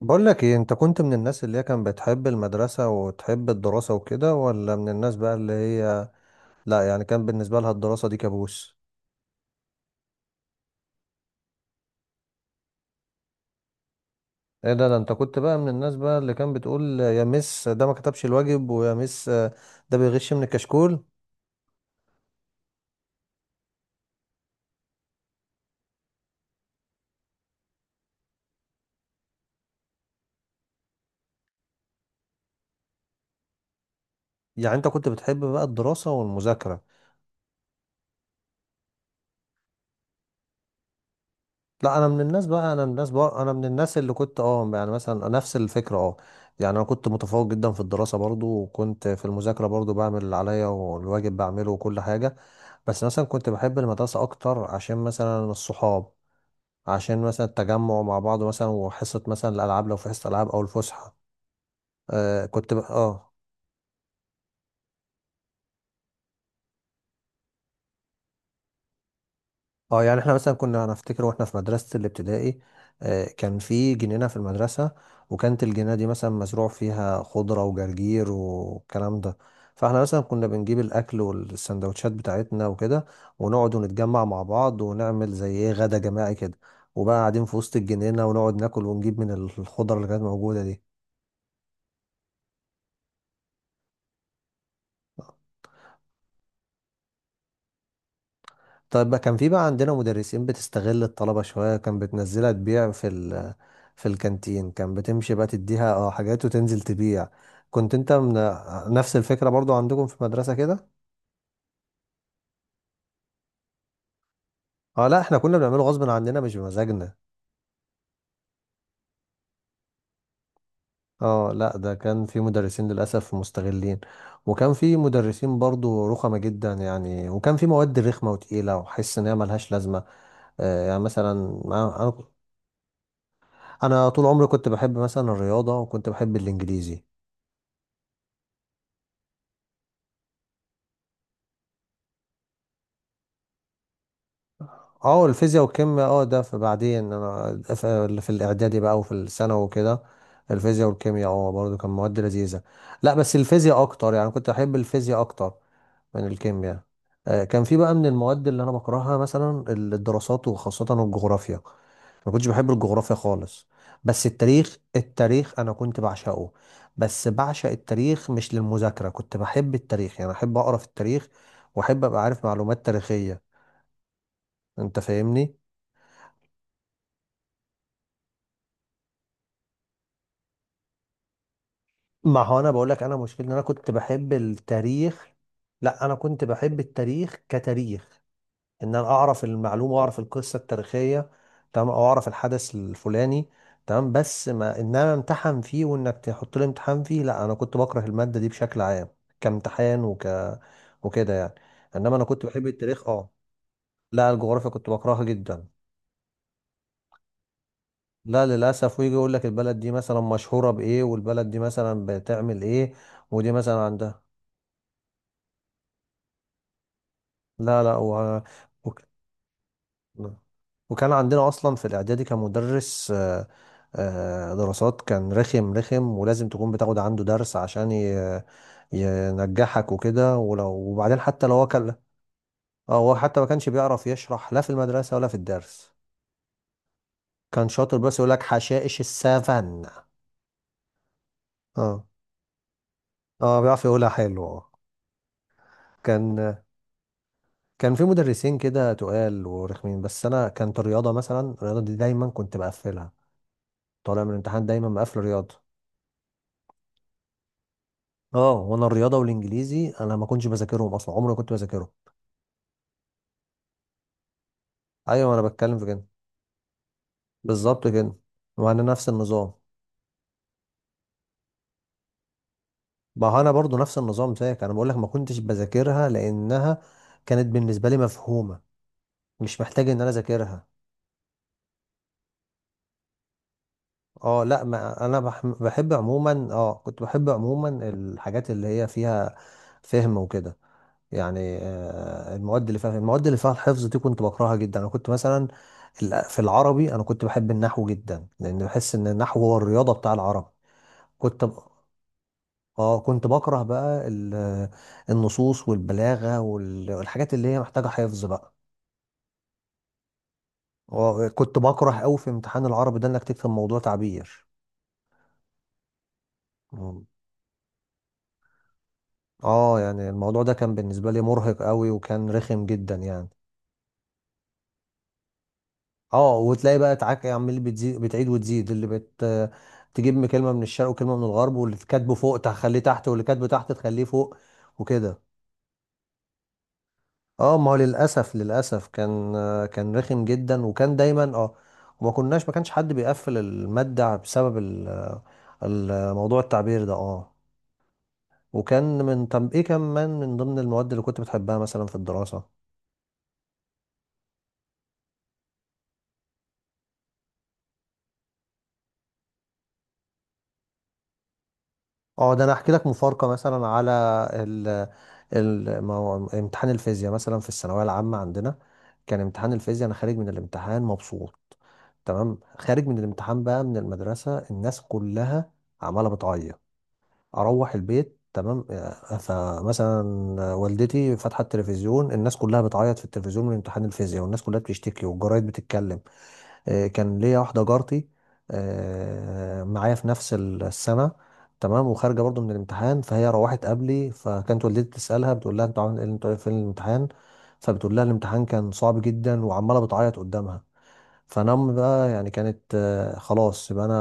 بقول لك ايه، انت كنت من الناس اللي هي كان بتحب المدرسة وتحب الدراسة وكده، ولا من الناس بقى اللي هي لا، يعني كان بالنسبة لها الدراسة دي كابوس؟ ايه ده؟ انت كنت بقى من الناس بقى اللي كان بتقول يا مس ده ما كتبش الواجب، ويا مس ده بيغش من الكشكول؟ يعني انت كنت بتحب بقى الدراسة والمذاكرة. لا، انا من الناس بقى انا من الناس بقى انا من الناس اللي كنت يعني مثلا نفس الفكرة. اه يعني انا كنت متفوق جدا في الدراسة برضو، وكنت في المذاكرة برضو بعمل اللي عليا والواجب بعمله وكل حاجة. بس مثلا كنت بحب المدرسة أكتر عشان مثلا الصحاب، عشان مثلا التجمع مع بعض مثلا، وحصة مثلا الألعاب، لو في حصة ألعاب أو الفسحة. آه كنت ب... اه اه يعني احنا مثلا كنا، انا افتكر واحنا في مدرسة الابتدائي، كان في جنينة في المدرسة. وكانت الجنينة دي مثلا مزروع فيها خضرة وجرجير والكلام ده. فاحنا مثلا كنا بنجيب الاكل والسندوتشات بتاعتنا وكده، ونقعد ونتجمع مع بعض ونعمل زي ايه، غدا جماعي كده. وبقى قاعدين في وسط الجنينة، ونقعد ناكل ونجيب من الخضرة اللي كانت موجودة دي. طيب، ما كان في بقى عندنا مدرسين بتستغل الطلبة شوية، كان بتنزلها تبيع في ال في الكانتين. كان بتمشي بقى تديها حاجات وتنزل تبيع. كنت انت من نفس الفكرة برضو عندكم في المدرسة كده؟ اه لا، احنا كنا بنعمله غصب عننا مش بمزاجنا. اه لا، ده كان في مدرسين للأسف مستغلين. وكان في مدرسين برضو رخمة جدا يعني، وكان في مواد رخمة وتقيلة وحس ان هي ملهاش لازمة. يعني مثلا انا أنا- أنا طول عمري كنت بحب مثلا الرياضة، وكنت بحب الانجليزي. اه الفيزياء والكيمياء، ده في بعدين انا في الاعدادي بقى وفي الثانوي وكده. الفيزياء والكيمياء برضه كان مواد لذيذه. لا بس الفيزياء اكتر، يعني كنت احب الفيزياء اكتر من الكيمياء. كان في بقى من المواد اللي انا بكرهها مثلا الدراسات، وخاصه الجغرافيا. ما كنتش بحب الجغرافيا خالص. بس التاريخ، انا كنت بعشقه. بس بعشق التاريخ مش للمذاكره، كنت بحب التاريخ يعني احب اقرا في التاريخ، واحب ابقى عارف معلومات تاريخيه. انت فاهمني. ما هو انا بقول لك، انا مشكلتي ان انا كنت بحب التاريخ. لا، انا كنت بحب التاريخ كتاريخ، ان انا اعرف المعلومه واعرف القصه التاريخيه. تمام، او اعرف الحدث الفلاني. تمام، بس ما ان انا امتحن فيه، وانك تحط لي امتحان فيه، لا انا كنت بكره الماده دي بشكل عام كامتحان وكده يعني. انما انا كنت بحب التاريخ. اه لا، الجغرافيا كنت بكرهها جدا. لا للاسف، ويجي يقول لك البلد دي مثلا مشهوره بايه، والبلد دي مثلا بتعمل ايه، ودي مثلا عندها. لا لا و... وك... وكان عندنا اصلا في الاعدادي، كان مدرس دراسات كان رخم، ولازم تكون بتاخد عنده درس عشان ينجحك وكده. ولو، وبعدين حتى لو هو كان، اه هو حتى ما كانش بيعرف يشرح لا في المدرسة ولا في الدرس. كان شاطر بس يقول لك حشائش السفن. اه اه بيعرف يقولها حلو آه. كان كان في مدرسين كده تقال ورخمين. بس انا كانت الرياضة، مثلا الرياضة دي دايما كنت بقفلها. طالع من الامتحان دايما مقفل رياضة. اه، وانا الرياضه والانجليزي انا ما كنتش بذاكرهم اصلا، عمري ما كنت بذاكرهم. ايوه انا بتكلم في كده، بالظبط كده. وانا نفس النظام. ما هو انا برضو نفس النظام زيك. انا بقول لك ما كنتش بذاكرها لانها كانت بالنسبه لي مفهومه، مش محتاج ان انا اذاكرها. اه لا، ما انا بح- بحب عموما، كنت بحب عموما الحاجات اللي هي فيها فهم وكده يعني. المواد اللي فيها الحفظ دي كنت بكرهها جدا. انا كنت مثلا في العربي انا كنت بحب النحو جدا، لان بحس ان النحو هو الرياضه بتاع العرب. كنت ب... اه كنت بكره بقى النصوص والبلاغه والحاجات اللي هي محتاجه حفظ بقى. كنت بكره قوي في امتحان العربي ده انك تكتب موضوع تعبير. مم. اه يعني الموضوع ده كان بالنسبه لي مرهق قوي، وكان رخم جدا يعني. اه وتلاقي بقى تعاك عمال بتزيد، بتعيد وتزيد، اللي بت تجيب كلمه من الشرق وكلمه من الغرب، واللي كاتبه فوق تخليه تحت، واللي كاتبه تحت تخليه فوق وكده. اه ما هو للاسف، كان، كان رخم جدا، وكان دايما اه. وما كناش، ما كانش حد بيقفل الماده بسبب الموضوع التعبير ده اه. وكان من، طب ايه كمان من ضمن المواد اللي كنت بتحبها مثلا في الدراسه؟ اه ده انا احكي لك مفارقه مثلا على ال ال ما هو امتحان الفيزياء مثلا في الثانويه العامه عندنا، كان امتحان الفيزياء انا خارج من الامتحان مبسوط. تمام، خارج من الامتحان بقى من المدرسه الناس كلها عماله بتعيط. اروح البيت تمام، فمثلا والدتي فاتحه التلفزيون، الناس كلها بتعيط في التلفزيون من امتحان الفيزياء، والناس كلها بتشتكي والجرايد بتتكلم. كان ليا واحدة جارتي معايا في نفس السنة. تمام، وخارجة برضو من الامتحان، فهي روحت قبلي. فكانت والدتي تسألها، بتقول لها انتوا عامل ايه انتوا في الامتحان؟ فبتقول لها الامتحان كان صعب جدا، وعمالة بتعيط قدامها. فانا امي بقى يعني كانت خلاص يبقى انا،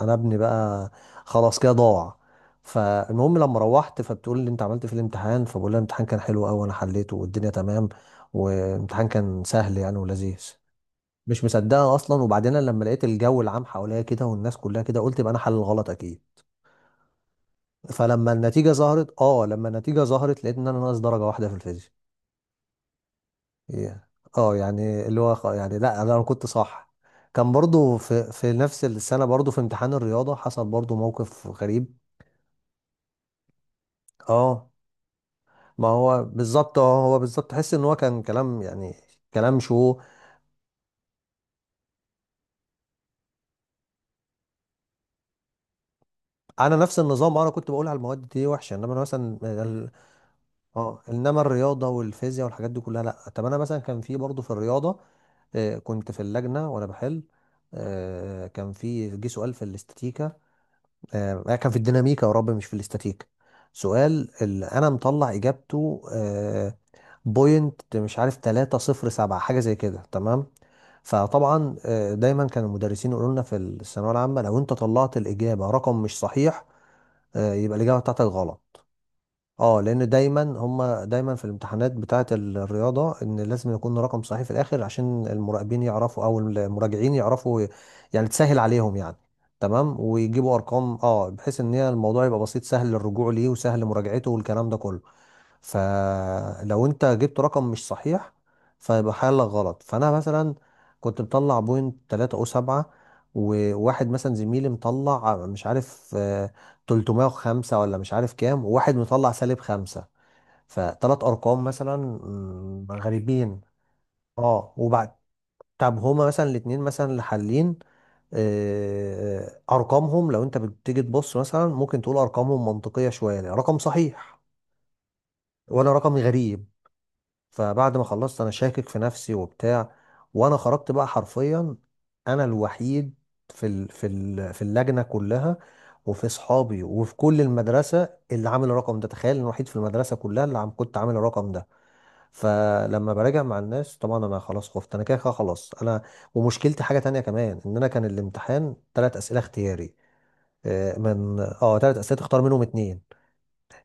انا ابني بقى خلاص كده ضاع. فالمهم لما روحت، فبتقول لي انت عملت إيه في الامتحان؟ فبقول لها الامتحان كان حلو قوي، انا حليته والدنيا تمام، والامتحان كان سهل يعني ولذيذ. مش مصدقها اصلا. وبعدين أنا لما لقيت الجو العام حواليا كده، والناس كلها كده، قلت يبقى انا حل الغلط اكيد. فلما النتيجه ظهرت، لقيت ان انا ناقص درجه واحده في الفيزياء. إيه. اه يعني اللي هو يعني لا، انا كنت صح. كان برضو في نفس السنه برضو في امتحان الرياضه حصل برضو موقف غريب. اه ما هو بالظبط، تحس ان هو كان كلام يعني، كلام شو انا نفس النظام، انا كنت بقول على المواد دي وحشه. انما أنا مثلا، اه انما الرياضه والفيزياء والحاجات دي كلها لا. طب انا مثلا كان في برضه في الرياضه، كنت في اللجنه وانا بحل. آه، كان في جه سؤال في الاستاتيكا آه، كان في الديناميكا، يا رب مش في الاستاتيكا، سؤال اللي انا مطلع اجابته بوينت مش عارف 307 حاجه زي كده تمام. فطبعا دايما كان المدرسين يقولوا لنا في الثانويه العامه لو انت طلعت الاجابه رقم مش صحيح، يبقى الاجابه بتاعتك غلط. اه لان دايما هم، دايما في الامتحانات بتاعه الرياضه ان لازم يكون رقم صحيح في الاخر عشان المراقبين يعرفوا، او المراجعين يعرفوا يعني تسهل عليهم يعني. تمام، ويجيبوا ارقام اه، بحيث ان هي الموضوع يبقى بسيط سهل للرجوع ليه وسهل لمراجعته والكلام ده كله. فلو انت جبت رقم مش صحيح فيبقى حالك غلط. فانا مثلا كنت مطلع بوينت 3 او 7، وواحد مثلا زميلي مطلع مش عارف 305 ولا مش عارف كام، وواحد مطلع سالب خمسة. فتلات ارقام مثلا غريبين. اه وبعد، طب هما مثلا الاتنين مثلا اللي حالين آه، ارقامهم لو انت بتيجي تبص مثلا ممكن تقول ارقامهم منطقية شوية، رقم صحيح، وانا رقمي غريب. فبعد ما خلصت انا شاكك في نفسي وبتاع. وانا خرجت بقى حرفيا انا الوحيد في ال في ال في اللجنه كلها، وفي اصحابي وفي كل المدرسه اللي عامل الرقم ده. تخيل إن الوحيد في المدرسه كلها اللي كنت عامل الرقم ده. فلما براجع مع الناس طبعا انا خلاص خفت، انا كده كده خلاص انا. ومشكلتي حاجه تانية كمان، ان انا كان الامتحان ثلاث اسئله اختياري، آه، من اه ثلاث اسئله تختار منهم اتنين.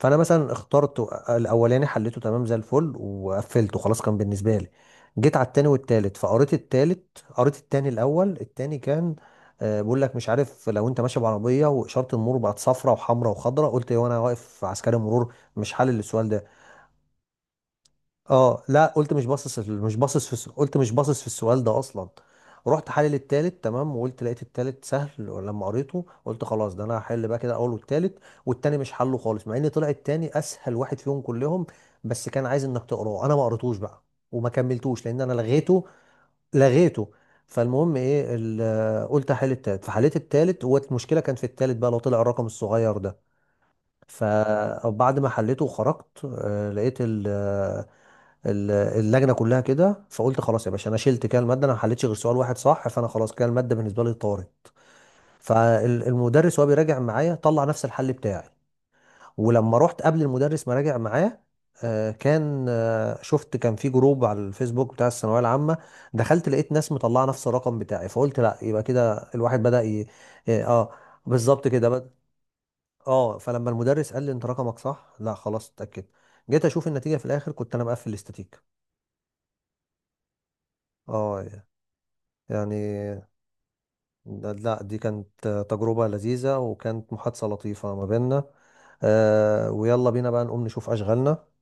فانا مثلا اخترت الاولاني، حليته تمام زي الفل وقفلته خلاص، كان بالنسبه لي. جيت على التاني والتالت، فقريت التالت، قريت التاني الاول التاني كان بيقول لك مش عارف لو انت ماشي بعربيه، واشاره المرور بقت صفراء وحمراء وخضراء، قلت ايه وانا واقف عسكري مرور، مش حل السؤال ده. اه لا، قلت مش باصص في- مش باصص في الس- قلت مش باصص في السؤال ده اصلا. رحت حلل التالت تمام، وقلت لقيت التالت سهل، ولما قريته قلت خلاص ده انا هحل بقى كده الاول والتالت، والتاني مش حله خالص. مع ان طلع التاني اسهل واحد فيهم كلهم، بس كان عايز انك تقراه، انا ما قريتوش بقى وما كملتوش لان انا لغيته. فالمهم ايه قلت هحل التالت، فحليت التالت. والمشكله كان في التالت بقى، لو طلع الرقم الصغير ده. فبعد ما حليته وخرجت آه، لقيت ال- آه، ال- اللجنه كلها كده، فقلت خلاص يا باشا انا شلت كده الماده، انا ما حليتش غير سؤال واحد صح، فانا خلاص كده الماده بالنسبه لي طارت. فالمدرس وهو بيراجع معايا طلع نفس الحل بتاعي. ولما رحت قبل المدرس ما راجع معاه، آه، كان آه، شفت كان في جروب على الفيسبوك بتاع الثانويه العامه. دخلت لقيت ناس مطلعه نفس الرقم بتاعي، فقلت لا، يبقى كده الواحد بدأ اه بالظبط كده. اه فلما المدرس قال لي انت رقمك صح، لا خلاص اتاكد. جيت اشوف النتيجه في الاخر كنت انا مقفل الاستاتيك. اه يعني، لا دي كانت تجربه لذيذه، وكانت محادثه لطيفه ما بيننا. آه، ويلا بينا بقى نقوم نشوف اشغالنا.